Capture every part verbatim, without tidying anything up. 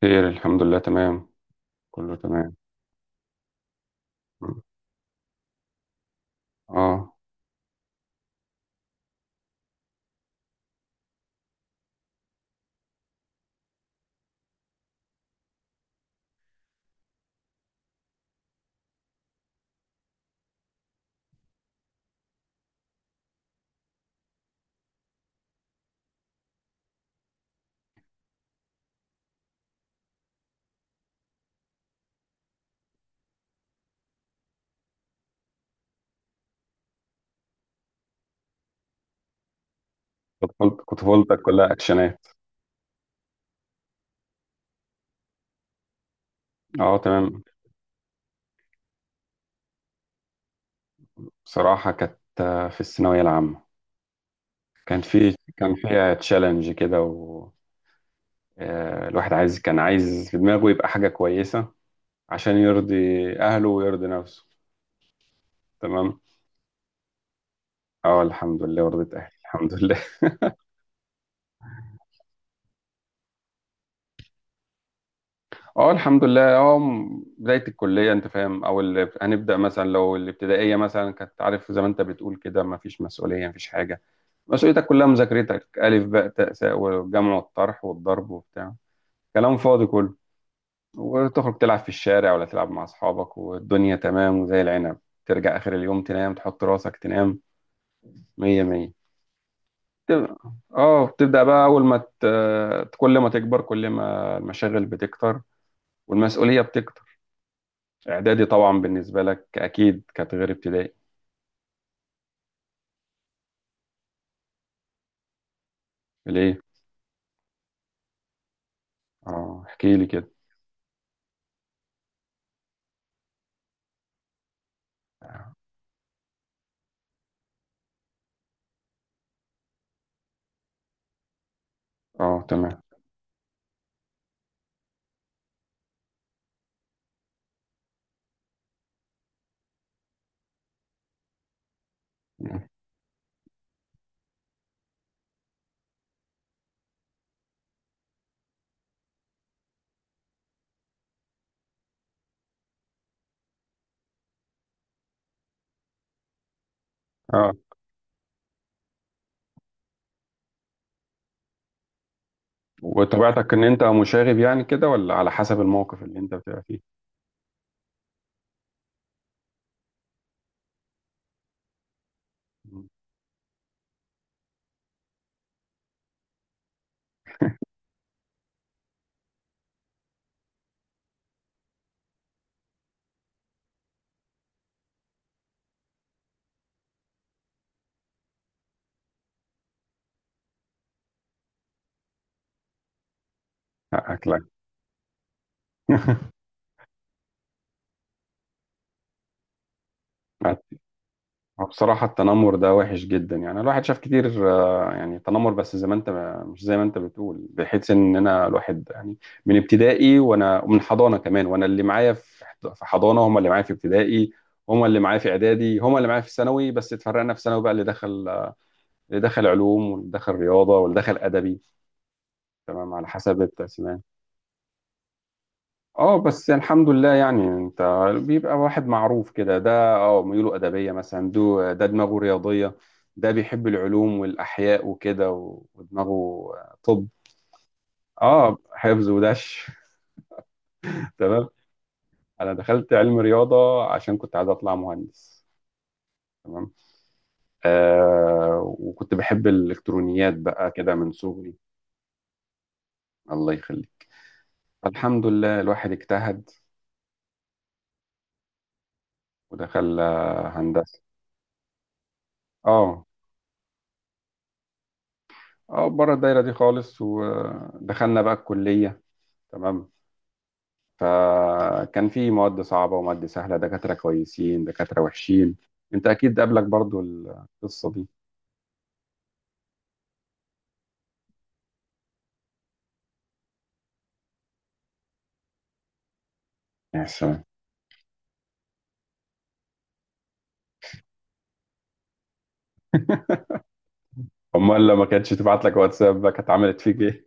خير، الحمد لله، تمام. كله تمام. اه، طفولت- طفولتك كلها اكشنات. اه، تمام. بصراحة كانت، آه، في الثانوية العامة. كان في كان فيها تشالنج كده. و آه، الواحد عايز كان عايز في دماغه يبقى حاجة كويسة عشان يرضي أهله ويرضي نفسه. تمام. اه، الحمد لله، رضيت أهلي، الحمد لله. اه، الحمد لله. اه م- بداية الكلية، انت فاهم؟ او ال- هنبدأ مثلا، لو الابتدائية مثلا، كانت، عارف، زي ما انت بتقول كده، ما فيش مسؤولية، ما فيش حاجة. مسؤوليتك كلها مذاكرتك، ألف باء تاء ساء، والجمع والطرح والضرب وبتاع، كلام فاضي كله. وتخرج تلعب في الشارع ولا تلعب مع أصحابك، والدنيا تمام وزي العنب. ترجع آخر اليوم تنام، تحط راسك تنام. مية مية. تب- اه بتبدأ بقى. أول ما ت... كل ما تكبر، كل ما المشاغل بتكتر والمسؤولية بتكتر. إعدادي طبعا بالنسبة لك أكيد كانت غير ابتدائي. ليه؟ اه، احكي لي كده. اه، تمام. اه، وطبيعتك ان انت مشاغب يعني كده، ولا على حسب الموقف اللي انت بتبقى فيه؟ مم. حقك، لا. بصراحة التنمر ده وحش جدا، يعني الواحد شاف كتير، آه، يعني تنمر. بس زي ما انت مش زي ما انت بتقول، بحيث ان انا الواحد يعني من ابتدائي وانا، ومن حضانة كمان وانا، اللي معايا في في حضانة هم اللي معايا في ابتدائي، هم اللي معايا في اعدادي، هم اللي معايا في ثانوي. بس اتفرقنا في ثانوي بقى. اللي دخل، اللي دخل علوم، واللي دخل رياضة، واللي دخل ادبي، تمام، على حسب التقسيمات. اه، بس الحمد لله. يعني انت بيبقى واحد معروف كده، ده اه ميوله ادبيه مثلا، ده ده دماغه رياضيه، ده بيحب العلوم والاحياء وكده، و- ودماغه. طب، اه، حفظ ودش. تمام. انا دخلت علم رياضه عشان كنت عايز اطلع مهندس. تمام. آه، وكنت بحب الالكترونيات بقى كده من صغري. الله يخليك. الحمد لله، الواحد اجتهد ودخل، آه، هندسه. اه. اه، بره الدايره دي خالص. ودخلنا بقى الكليه. تمام. فكان في مواد صعبه ومواد سهله، دكاتره كويسين، دكاتره وحشين. انت اكيد قابلك برضو القصه دي. يا سلام. امال لما كانتش تبعت لك واتساب بقى، كانت عملت فيك ايه؟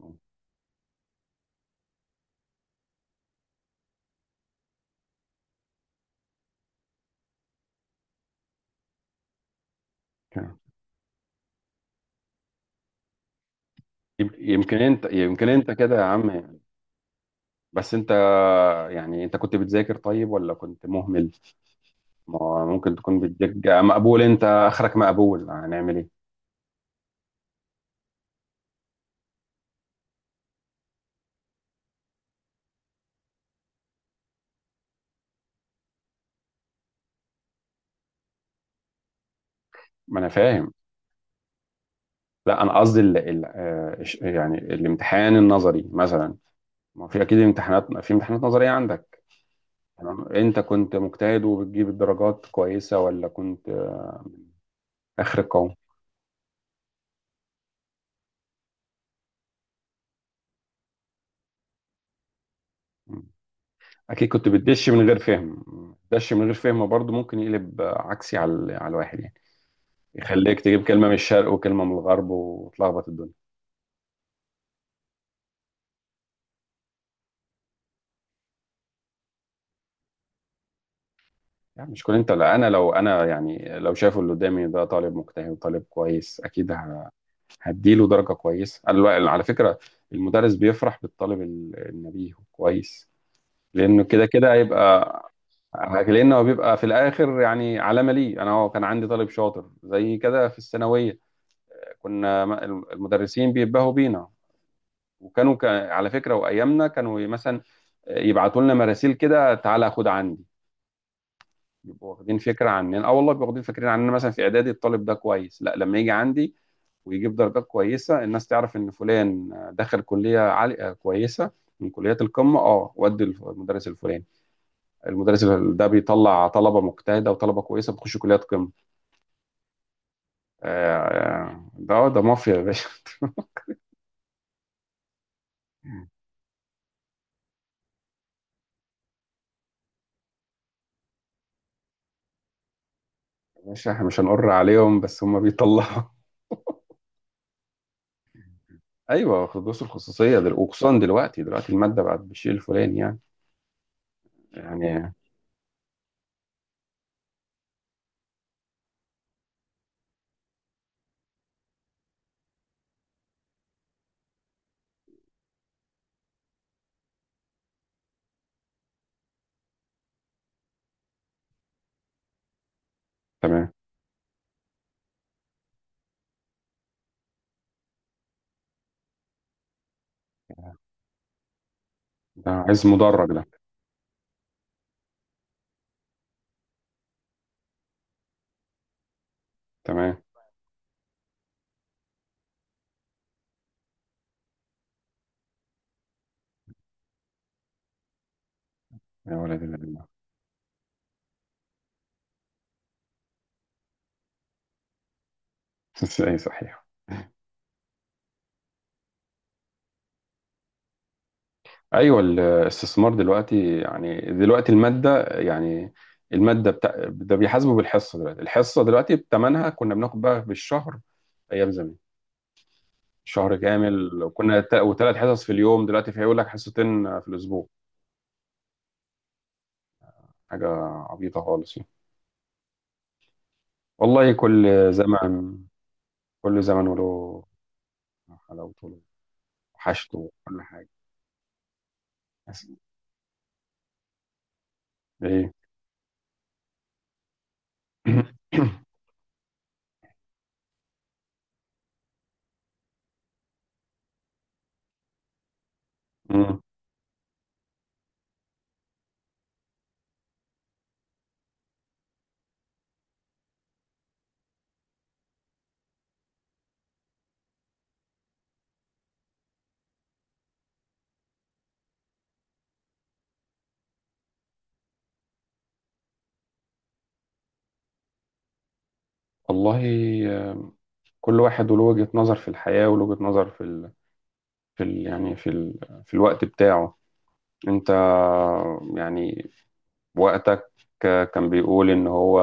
يمكن يمكن انت يمكن انت كده يا عم. بس انت، يعني انت كنت بتذاكر طيب ولا كنت مهمل؟ ما ممكن تكون بتذاكر مقبول، انت اخرك مقبول، هنعمل ايه؟ ما انا فاهم. لا، انا قصدي ال... ال... آه، إش- يعني الامتحان النظري مثلا، ما في اكيد امتحانات، في امتحانات نظريه عندك. تمام، انت كنت مجتهد وبتجيب الدرجات كويسه، ولا كنت آه، اخر القوم؟ مم. اكيد كنت بتدش من غير فهم. دش من غير فهم برضه ممكن يقلب، آه، عكسي، على ال- على الواحد يعني. يخليك تجيب كلمه من الشرق وكلمه من الغرب وتلخبط الدنيا. يعني مش كل انت. لا انا، لو انا يعني، لو شايفه اللي قدامي ده طالب مجتهد وطالب كويس، اكيد ه- هديله درجه كويسه، على على فكره. المدرس بيفرح بالطالب ال- النبيه كويس، لانه كده كده هيبقى. لانه هو بيبقى في الاخر يعني علامه ليه. انا هو كان عندي طالب شاطر زي كده في الثانويه. كنا م- المدرسين بينبهوا بينا، وكانوا، ك- على فكره وايامنا، كانوا مثلا يبعتوا لنا مراسيل كده، تعالى خد عندي. بيبقوا واخدين فكره عننا، اه، والله بيبقوا واخدين فكرين عننا. مثلا في اعدادي الطالب ده كويس، لا، لما يجي عندي ويجيب درجات كويسه، الناس تعرف ان فلان دخل كليه عاليه، آه، كويس، من كليات القمه. اه، ودي الف- المدرس الفلاني. المدرس ده بيطلع طلبه مجتهده وطلبه كويسه بتخش كليات قمه. آه، آه، ده ده مافيا يا باشا. يا باشا، احنا مش هنقر عليهم، بس هم بيطلعوا. ايوه، دروس الخصوصيه، دل... وخصوصا دلوقتي دلوقتي الماده بقت بالشيء الفلاني يعني يعني تمام. ده عايز مدرج ده. تمام. يا ولد الذين. اي صحيح. ايوه، الاستثمار دلوقتي، يعني دلوقتي الماده يعني، الماده بتاع ده بيحاسبه بالحصه. دلوقتي الحصه دلوقتي بثمنها، كنا بناخد بقى بالشهر ايام زمان، شهر كامل، وكنا وثلاث حصص في اليوم. دلوقتي في يقول لك حصتين في الاسبوع. حاجه عبيطه خالص يعني. والله كل زمن كل زمن وله حلاوته، وله وحشته، وكل حاجه. بس ايه. والله آه، كل واحد وله وجهة نظر في الحياة، وله وجهة نظر في ال... في ال... يعني في ال... في الوقت بتاعه. انت يعني وقتك كان بيقول ان هو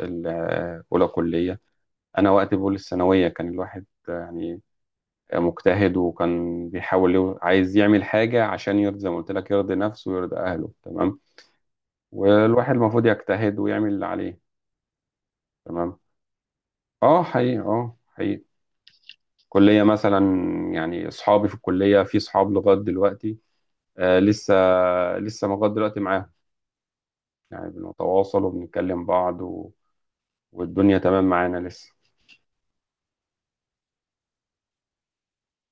الاولى كلية. انا وقتي بقول الثانوية. كان الواحد يعني مجتهد، وكان بيحاول يو- عايز يعمل حاجة عشان يرضي، زي ما قلت لك، يرضي نفسه ويرضي اهله. تمام. والواحد المفروض يجتهد ويعمل اللي عليه. تمام. اه، حقيقي، اه، حقيقي. كلية مثلا، يعني أصحابي في الكلية، في أصحاب لغاية دلوقتي، آه، لسه لسه لغاية دلوقتي معاهم، يعني بنتواصل وبنتكلم بعض، و... والدنيا تمام معانا لسه.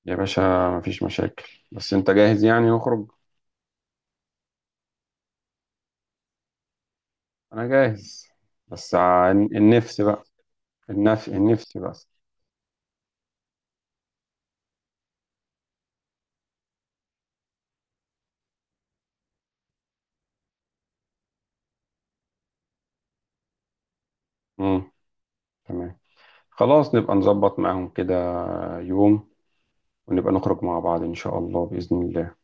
يا باشا، مفيش مشاكل. بس أنت جاهز يعني نخرج؟ أنا جاهز. بس عن- النفس بقى. النفس النفس بس. مم. تمام. خلاص، نبقى نظبط معاهم كده، يوم، ونبقى نخرج مع بعض إن شاء الله، بإذن الله.